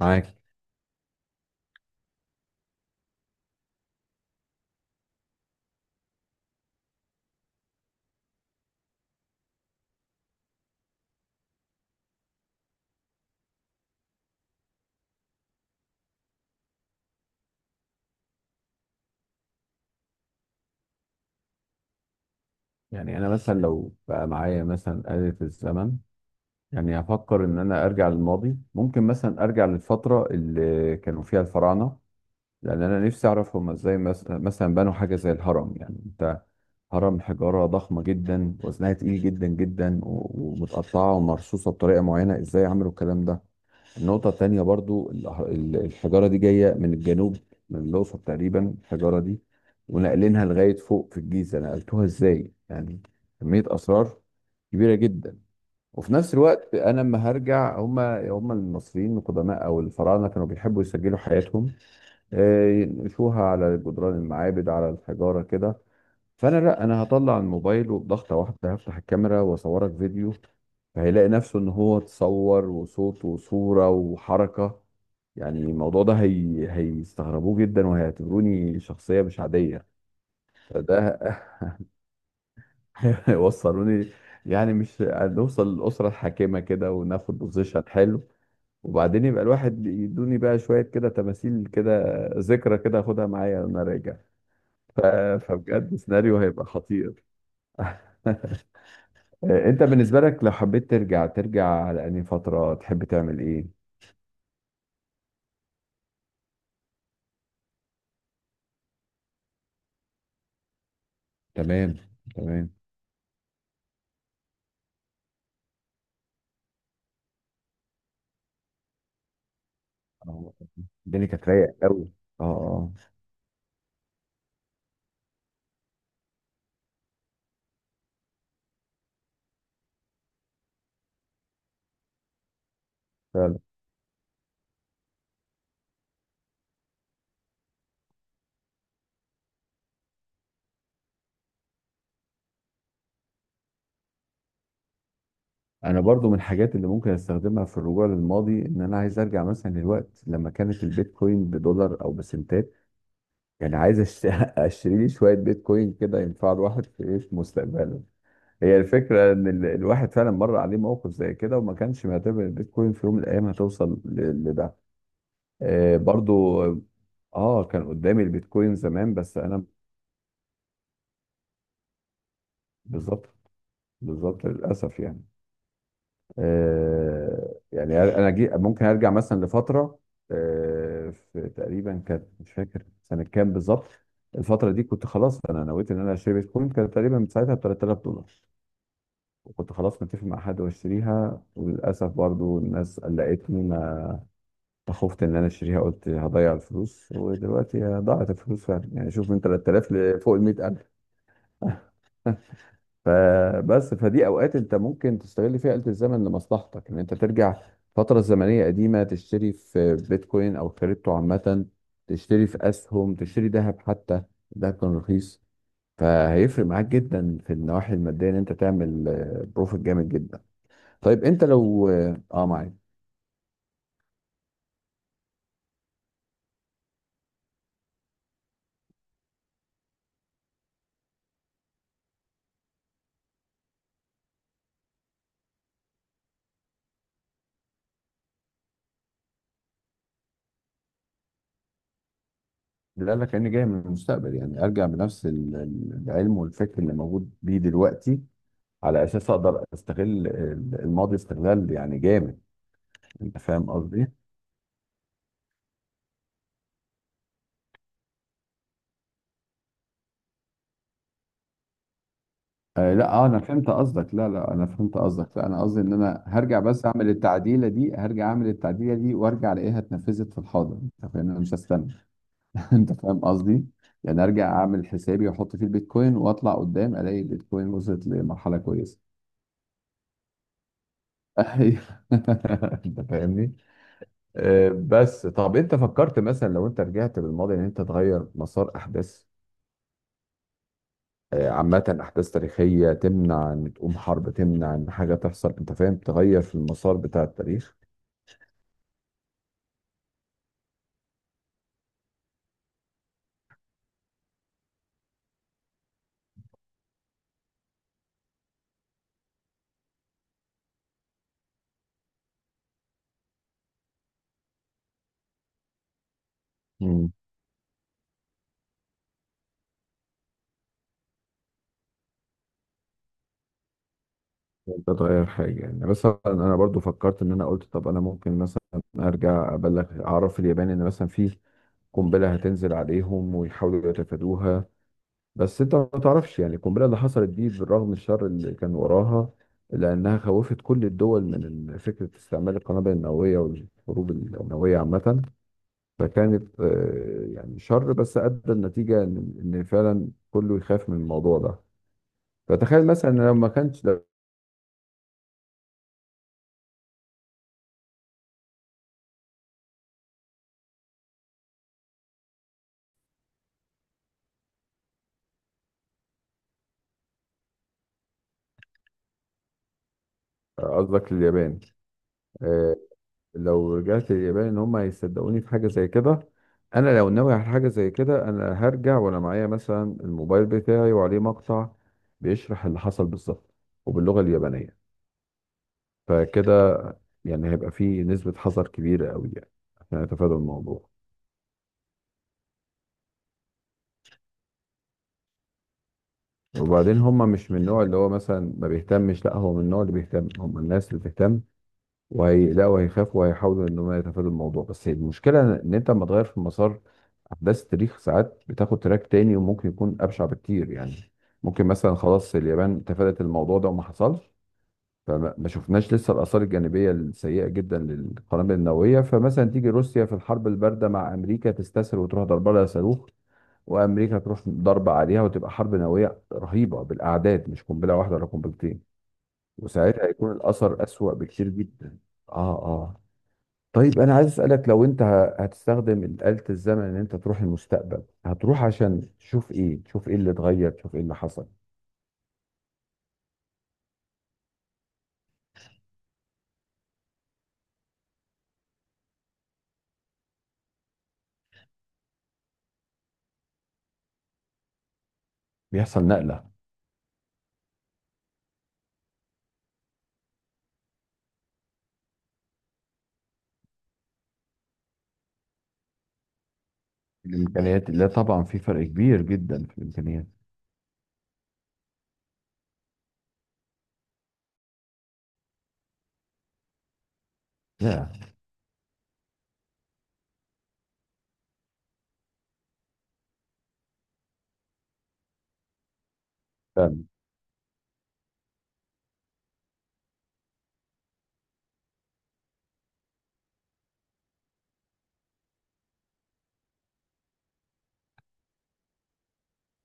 معاك. يعني انا مثلا لو بقى معايا مثلا آلة الزمن، يعني هفكر ان انا ارجع للماضي. ممكن مثلا ارجع للفترة اللي كانوا فيها الفراعنة، لان انا نفسي اعرف هم ازاي مثلا بنوا حاجة زي الهرم. يعني انت، هرم حجارة ضخمة جدا وزنها تقيل جدا جدا ومتقطعة ومرصوصة بطريقة معينة، ازاي عملوا الكلام ده؟ النقطة التانية برضو الحجارة دي جاية من الجنوب، من الأقصر تقريبا الحجارة دي، ونقلينها لغاية فوق في الجيزة، نقلتوها إزاي يعني؟ كمية أسرار كبيرة جدا. وفي نفس الوقت أنا لما هرجع، هما المصريين القدماء أو الفراعنة كانوا بيحبوا يسجلوا حياتهم، ينقشوها على جدران المعابد على الحجارة كده. فانا، لا انا هطلع الموبايل وبضغطه واحده هفتح الكاميرا واصورك فيديو، فهيلاقي نفسه ان هو اتصور وصوت وصوره وحركه. يعني الموضوع ده هيستغربوه جدا وهيعتبروني شخصيه مش عاديه. فده هيوصلوني. يعني مش هنوصل للاسره الحاكمه كده وناخد بوزيشن حلو؟ وبعدين يبقى الواحد يدوني بقى شويه كده تماثيل كده، ذكرى كده اخدها معايا وانا راجع. ف... فبجد سيناريو هيبقى خطير. انت بالنسبة لك لو حبيت ترجع، ترجع على انهي فترة؟ تحب تعمل ايه؟ تمام. تمام. آه، الدنيا كانت رايقة قوي. اه اه. فعلا. انا برضو من الحاجات اللي ممكن استخدمها في الرجوع للماضي، ان انا عايز ارجع مثلا للوقت لما كانت البيتكوين بدولار او بسنتات. يعني عايز اشتري لي شوية بيتكوين كده، ينفع الواحد في ايه في مستقبله. هي الفكرة ان الواحد فعلا مر عليه موقف زي كده، وما كانش معتبر البيتكوين في يوم من الايام هتوصل لده. برضو اه، كان قدامي البيتكوين زمان بس انا. بالظبط. بالظبط للاسف يعني. آه يعني انا جي ممكن ارجع مثلا لفتره، آه في تقريبا كانت مش فاكر سنه كام بالظبط. الفتره دي كنت خلاص انا نويت ان انا اشتري بيتكوين، كانت تقريبا ساعتها ب 3000 دولار. وكنت خلاص متفق مع حد واشتريها، وللاسف برضو الناس قلقتني، ما فخفت ان انا اشتريها، قلت هضيع الفلوس. ودلوقتي ضاعت الفلوس فعلا يعني. شوف، من 3000 لفوق ال 100,000. فبس فدي اوقات انت ممكن تستغل فيها آلة الزمن لمصلحتك، ان انت ترجع فترة زمنية قديمة تشتري في بيتكوين او كريبتو عامة، تشتري في اسهم، تشتري ذهب حتى. الذهب كان رخيص. فهيفرق معاك جدا في النواحي المادية، ان انت تعمل بروفيت جامد جدا. طيب انت لو اه معاك. اللي قال لك اني جاي من المستقبل؟ يعني ارجع بنفس العلم والفكر اللي موجود بيه دلوقتي، على اساس اقدر استغل الماضي استغلال يعني جامد. انت فاهم قصدي؟ آه لا اه انا فهمت قصدك. لا لا انا فهمت قصدك. لا انا قصدي ان انا هرجع بس اعمل التعديله دي، هرجع اعمل التعديله دي وارجع الاقيها اتنفذت في الحاضر. انت فاهم؟ انا مش هستنى. انت فاهم قصدي. يعني ارجع اعمل حسابي واحط فيه البيتكوين واطلع قدام الاقي البيتكوين وصلت لمرحله كويسه. أيوه. انت فاهمني. آه بس طب انت فكرت مثلا لو انت رجعت بالماضي ان انت تغير مسار احداث، عامة أحداث تاريخية، تمنع إن تقوم حرب، تمنع إن حاجة تحصل. أنت فاهم؟ تغير في المسار بتاع التاريخ. مم. أنت تغير حاجة؟ يعني مثلا أنا برضو فكرت إن أنا قلت طب أنا ممكن مثلا أرجع أبلغ أعرف اليابان إن مثلا في قنبلة هتنزل عليهم ويحاولوا يتفادوها. بس أنت ما تعرفش، يعني القنبلة اللي حصلت دي بالرغم من الشر اللي كان وراها، لأنها خوفت كل الدول من فكرة استعمال القنابل النووية والحروب النووية عامة. فكانت يعني شر بس ادى النتيجه ان إن فعلا كله يخاف من الموضوع ده. فتخيل مثلا لو ما كانش قصدك اليابان. آه، لو رجعت اليابان ان هم هيصدقوني في حاجه زي كده؟ انا لو ناوي على حاجه زي كده، انا هرجع وانا معايا مثلا الموبايل بتاعي وعليه مقطع بيشرح اللي حصل بالظبط، وباللغه اليابانيه. فكده يعني هيبقى فيه نسبه حذر كبيره قوي يعني، عشان اتفادى الموضوع. وبعدين هم مش من النوع اللي هو مثلا ما بيهتمش، لا هو من النوع اللي بيهتم. هم الناس اللي بتهتم، وهيقلقوا وهيخافوا وهيحاولوا ان هم يتفادوا الموضوع. بس المشكله ان انت لما تغير في مسار احداث التاريخ، ساعات بتاخد تراك تاني وممكن يكون ابشع بكتير يعني. ممكن مثلا خلاص اليابان تفادت الموضوع ده وما حصلش، فما ما شفناش لسه الاثار الجانبيه السيئه جدا للقنابل النوويه. فمثلا تيجي روسيا في الحرب البارده مع امريكا تستسهل وتروح ضربه لها صاروخ، وامريكا تروح ضرب عليها وتبقى حرب نوويه رهيبه بالاعداد، مش قنبله واحده ولا قنبلتين. وساعتها هيكون الاثر اسوأ بكتير جدا. اه. اه. طيب انا عايز اسالك، لو انت هتستخدم آلة الزمن ان انت تروح المستقبل، هتروح عشان تشوف ايه؟ تشوف ايه اللي اتغير؟ تشوف ايه اللي حصل؟ بيحصل نقله. في الامكانيات لا طبعا، في فرق كبير جدا في الامكانيات. لا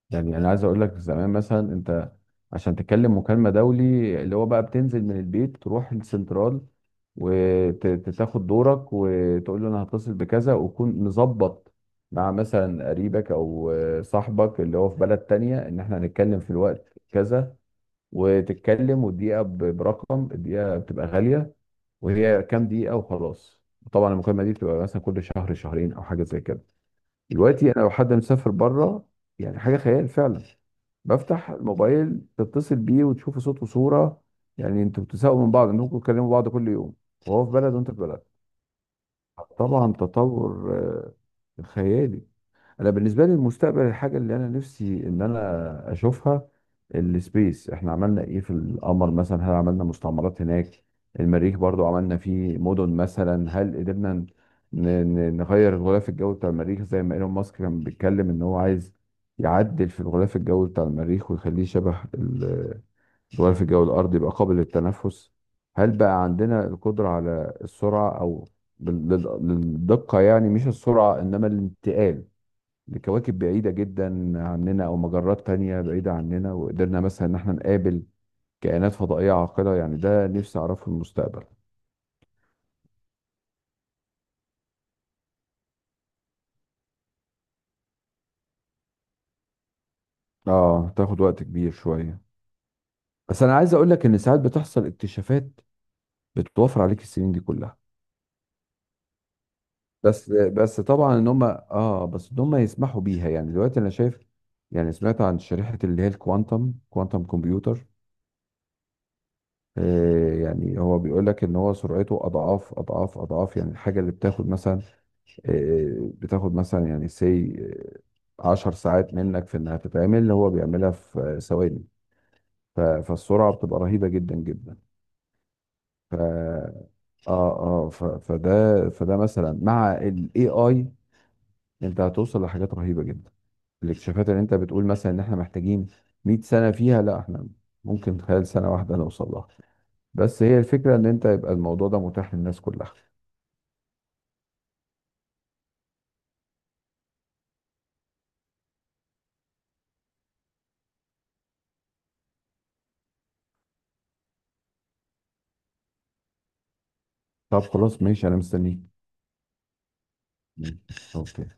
يعني انا عايز اقول لك، زمان مثلا انت عشان تتكلم مكالمه دولي، اللي هو بقى بتنزل من البيت تروح السنترال وتاخد دورك وتقول له انا هتصل بكذا، وتكون مظبط مع مثلا قريبك او صاحبك اللي هو في بلد تانية ان احنا هنتكلم في الوقت كذا. وتتكلم والدقيقه برقم، الدقيقه بتبقى غاليه، وهي كام دقيقه وخلاص. طبعا المكالمه دي بتبقى مثلا كل شهر شهرين او حاجه زي كده. دلوقتي انا لو حد مسافر بره، يعني حاجه خيال فعلا، بفتح الموبايل تتصل بيه وتشوف صوت وصوره. يعني انتوا بتساووا من بعض انكم بتكلموا بعض كل يوم، وهو في بلد وانت في بلد. طبعا تطور خيالي. انا بالنسبه لي المستقبل، الحاجه اللي انا نفسي ان انا اشوفها، السبيس. احنا عملنا ايه في القمر مثلا؟ هل عملنا مستعمرات هناك؟ المريخ برضو عملنا فيه مدن مثلا؟ هل قدرنا نغير الغلاف الجوي بتاع المريخ زي ما ايلون ماسك كان بيتكلم ان هو عايز يعدل في الغلاف الجوي بتاع المريخ ويخليه شبه الغلاف الجوي الارضي، يبقى قابل للتنفس. هل بقى عندنا القدرة على السرعة او للدقة، يعني مش السرعة انما الانتقال لكواكب بعيدة جدا عننا أو مجرات تانية بعيدة عننا. وقدرنا مثلا إن احنا نقابل كائنات فضائية عاقلة. يعني ده نفسي أعرفه في المستقبل. آه تاخد وقت كبير شوية. بس أنا عايز أقول لك إن ساعات بتحصل اكتشافات بتوفر عليك السنين دي كلها. بس طبعا إن هم آه بس إن هم يسمحوا بيها. يعني دلوقتي أنا شايف، يعني سمعت عن شريحة اللي هي الكوانتم، كوانتم كمبيوتر. يعني هو بيقول لك ان هو سرعته اضعاف اضعاف اضعاف. يعني الحاجه اللي بتاخد مثلا بتاخد مثلا يعني سي 10 ساعات منك في انها تتعمل، هو بيعملها في ثواني. فالسرعه بتبقى رهيبه جدا جدا. ف اه اه فده فده مثلا مع الاي اي، انت هتوصل لحاجات رهيبه جدا. الاكتشافات اللي انت بتقول مثلا ان احنا محتاجين 100 سنه فيها، لا احنا ممكن خلال سنه واحده نوصل لها. بس هي الفكرة ان انت يبقى الموضوع ده متاح للناس كلها. طب خلاص ماشي، انا مستنيك. مم. اوكي.